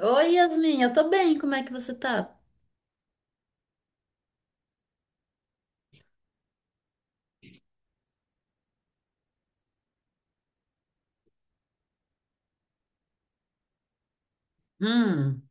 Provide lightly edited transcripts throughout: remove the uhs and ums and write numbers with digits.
Oi, Yasmin, eu tô bem, como é que você tá? Hum.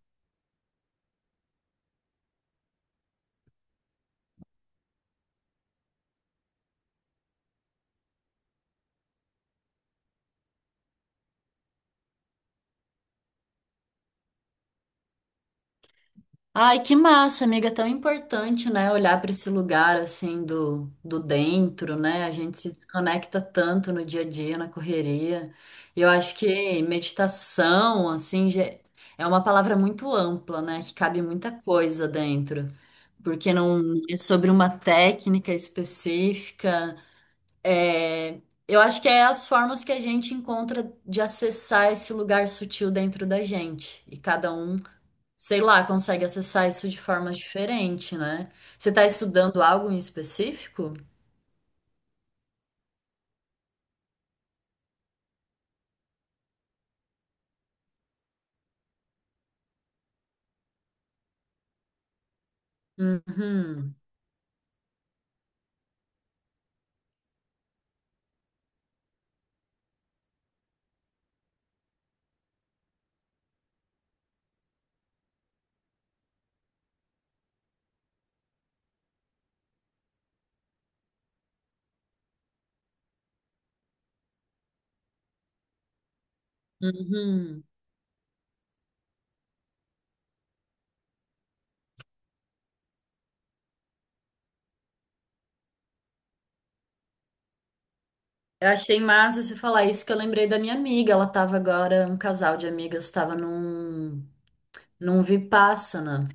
Ai, que massa, amiga, é tão importante, né, olhar para esse lugar assim do dentro, né? A gente se desconecta tanto no dia a dia, na correria. E eu acho que meditação, assim, é uma palavra muito ampla, né, que cabe muita coisa dentro, porque não é sobre uma técnica específica. É, eu acho que é as formas que a gente encontra de acessar esse lugar sutil dentro da gente. E cada um, sei lá, consegue acessar isso de formas diferentes, né? Você está estudando algo em específico? Uhum, uhum. Eu achei massa você falar isso que eu lembrei da minha amiga. Ela estava agora, um casal de amigas estava num Vipassana.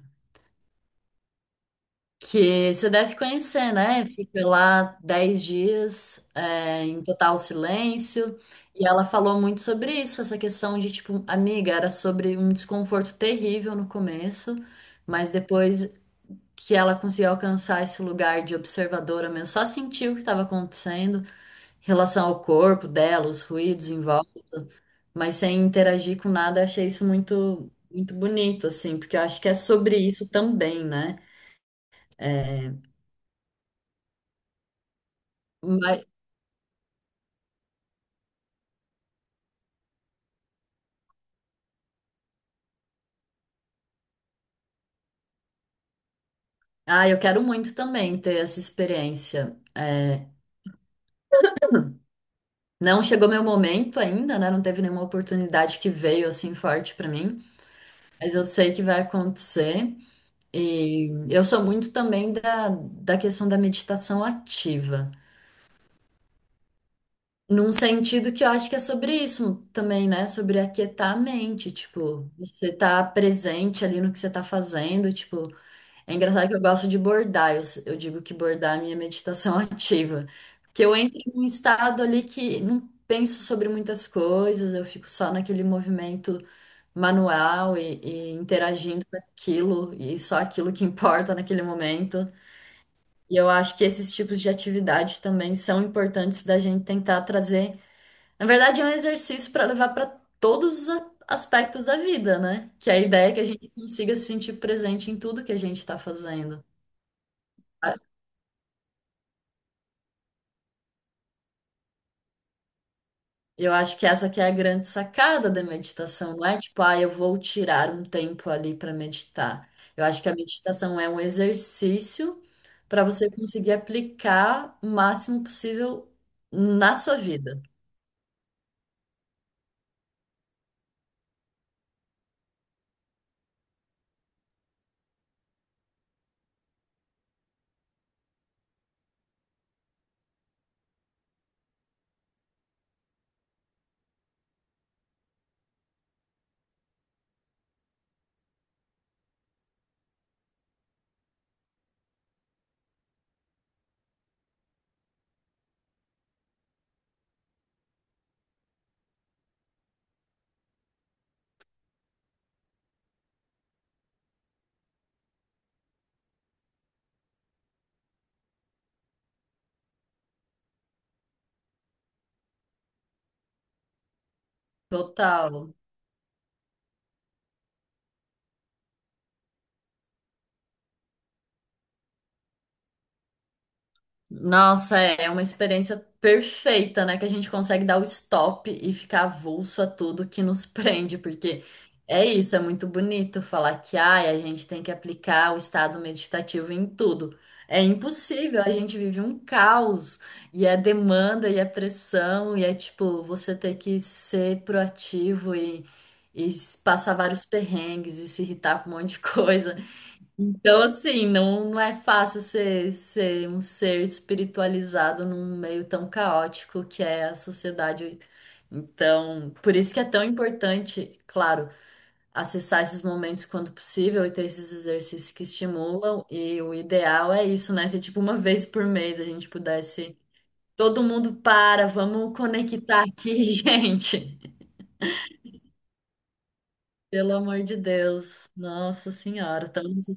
Que você deve conhecer, né? Fica lá 10 dias, é, em total silêncio. E ela falou muito sobre isso, essa questão de, tipo, amiga, era sobre um desconforto terrível no começo, mas depois que ela conseguiu alcançar esse lugar de observadora mesmo, só sentiu o que estava acontecendo em relação ao corpo dela, os ruídos em volta, mas sem interagir com nada, achei isso muito, muito bonito, assim, porque eu acho que é sobre isso também, né? É, ah, eu quero muito também ter essa experiência. É, não chegou meu momento ainda, né? Não teve nenhuma oportunidade que veio assim forte pra mim, mas eu sei que vai acontecer. E eu sou muito também da questão da meditação ativa, num sentido que eu acho que é sobre isso também, né? Sobre aquietar a mente, tipo, você tá presente ali no que você tá fazendo, tipo, é engraçado que eu gosto de bordar. Eu digo que bordar é a minha meditação ativa. Porque eu entro em um estado ali que não penso sobre muitas coisas, eu fico só naquele movimento manual e interagindo com aquilo, e só aquilo que importa naquele momento. E eu acho que esses tipos de atividade também são importantes da gente tentar trazer. Na verdade, é um exercício para levar para todos os aspectos da vida, né? Que é a ideia é que a gente consiga se sentir presente em tudo que a gente está fazendo. Eu acho que essa que é a grande sacada da meditação, não é tipo, ah, eu vou tirar um tempo ali para meditar. Eu acho que a meditação é um exercício para você conseguir aplicar o máximo possível na sua vida. Total. Nossa, é uma experiência perfeita, né? Que a gente consegue dar o stop e ficar avulso a tudo que nos prende, porque é isso, é muito bonito falar que ai, a gente tem que aplicar o estado meditativo em tudo. É impossível, a gente vive um caos, e é demanda, e é pressão, e é tipo, você ter que ser proativo e passar vários perrengues e se irritar com um monte de coisa. Então, assim, não, não é fácil ser um ser espiritualizado num meio tão caótico que é a sociedade. Então, por isso que é tão importante, claro, acessar esses momentos quando possível e ter esses exercícios que estimulam. E o ideal é isso, né? Se, tipo, uma vez por mês a gente pudesse. Todo mundo para, vamos conectar aqui, gente. Pelo amor de Deus. Nossa Senhora, estamos.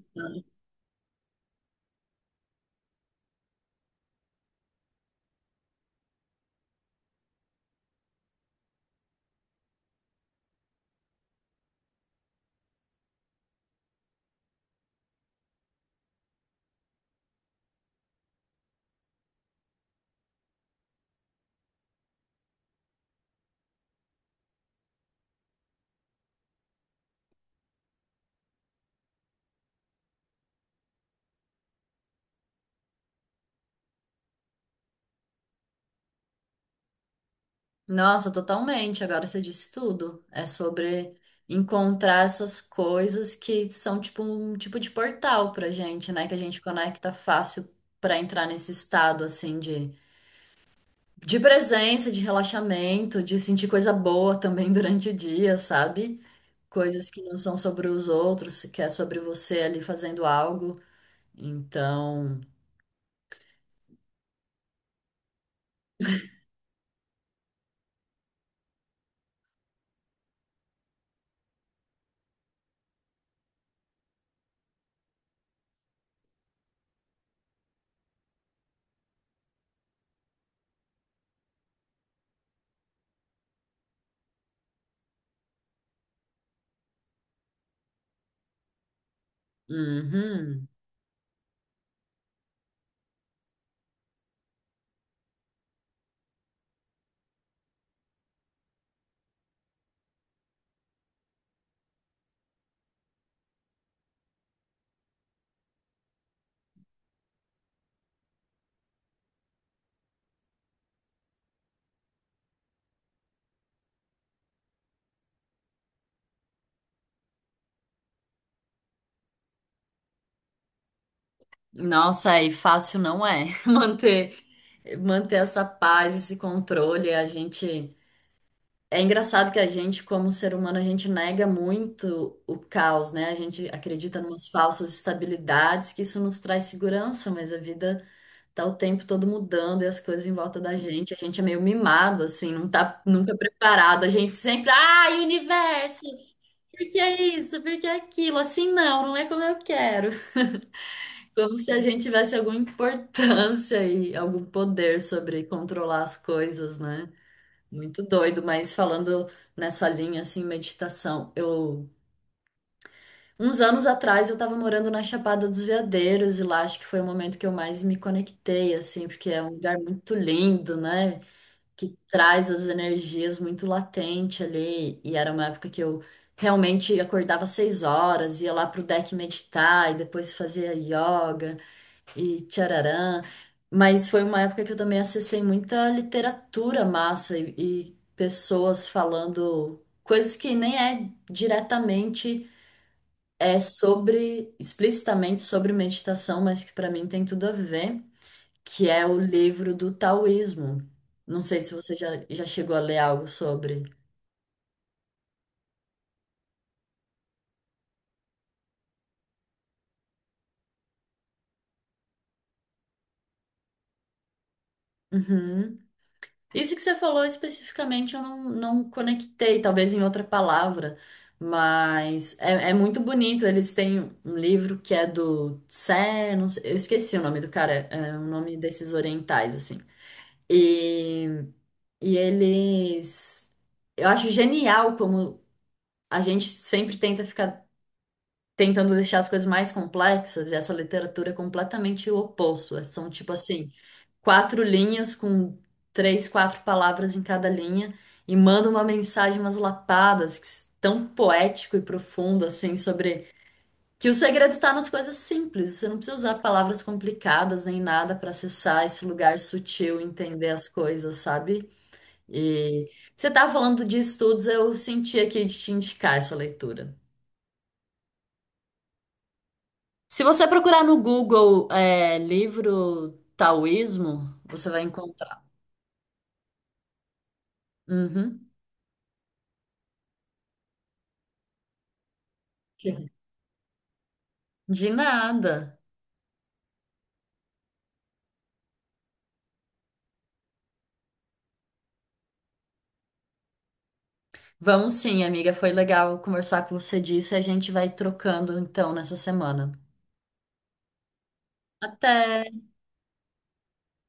Nossa, totalmente. Agora você disse tudo. É sobre encontrar essas coisas que são tipo um tipo de portal pra gente, né? Que a gente conecta fácil pra entrar nesse estado assim de presença, de relaxamento, de sentir coisa boa também durante o dia, sabe? Coisas que não são sobre os outros, que é sobre você ali fazendo algo. Então, uhum. Nossa, e fácil não é manter essa paz, esse controle. A gente é engraçado que a gente, como ser humano, a gente nega muito o caos, né? A gente acredita em umas falsas estabilidades que isso nos traz segurança, mas a vida tá o tempo todo mudando e as coisas em volta da gente. A gente é meio mimado assim, não tá nunca preparado. A gente sempre, ai, universo, por que isso? Por que aquilo? Assim não, não é como eu quero. Como se a gente tivesse alguma importância e algum poder sobre controlar as coisas, né? Muito doido, mas falando nessa linha assim, meditação, eu uns anos atrás eu estava morando na Chapada dos Veadeiros e lá acho que foi o momento que eu mais me conectei assim, porque é um lugar muito lindo, né? Que traz as energias muito latente ali e era uma época que eu realmente acordava às 6 horas, ia lá pro deck meditar e depois fazia yoga e tchararã. Mas foi uma época que eu também acessei muita literatura massa e pessoas falando coisas que nem é diretamente é sobre, explicitamente sobre meditação, mas que para mim tem tudo a ver, que é o livro do taoísmo. Não sei se você já chegou a ler algo sobre. Uhum. Isso que você falou especificamente eu não conectei, talvez em outra palavra, mas é muito bonito. Eles têm um livro que é do Tse, não sei- eu esqueci o nome do cara, é o nome desses orientais, assim. E, e eles. Eu acho genial como a gente sempre tenta ficar tentando deixar as coisas mais complexas e essa literatura é completamente o oposto. São tipo assim quatro linhas com três, quatro palavras em cada linha e manda uma mensagem, umas lapadas que tão poético e profundo assim sobre que o segredo está nas coisas simples. Você não precisa usar palavras complicadas nem nada para acessar esse lugar sutil, e entender as coisas, sabe? E você tá falando de estudos, eu senti aqui de te indicar essa leitura. Se você procurar no Google, é, livro taoísmo, você vai encontrar. Uhum. De nada. Vamos sim, amiga. Foi legal conversar com você disso e a gente vai trocando então nessa semana. Até!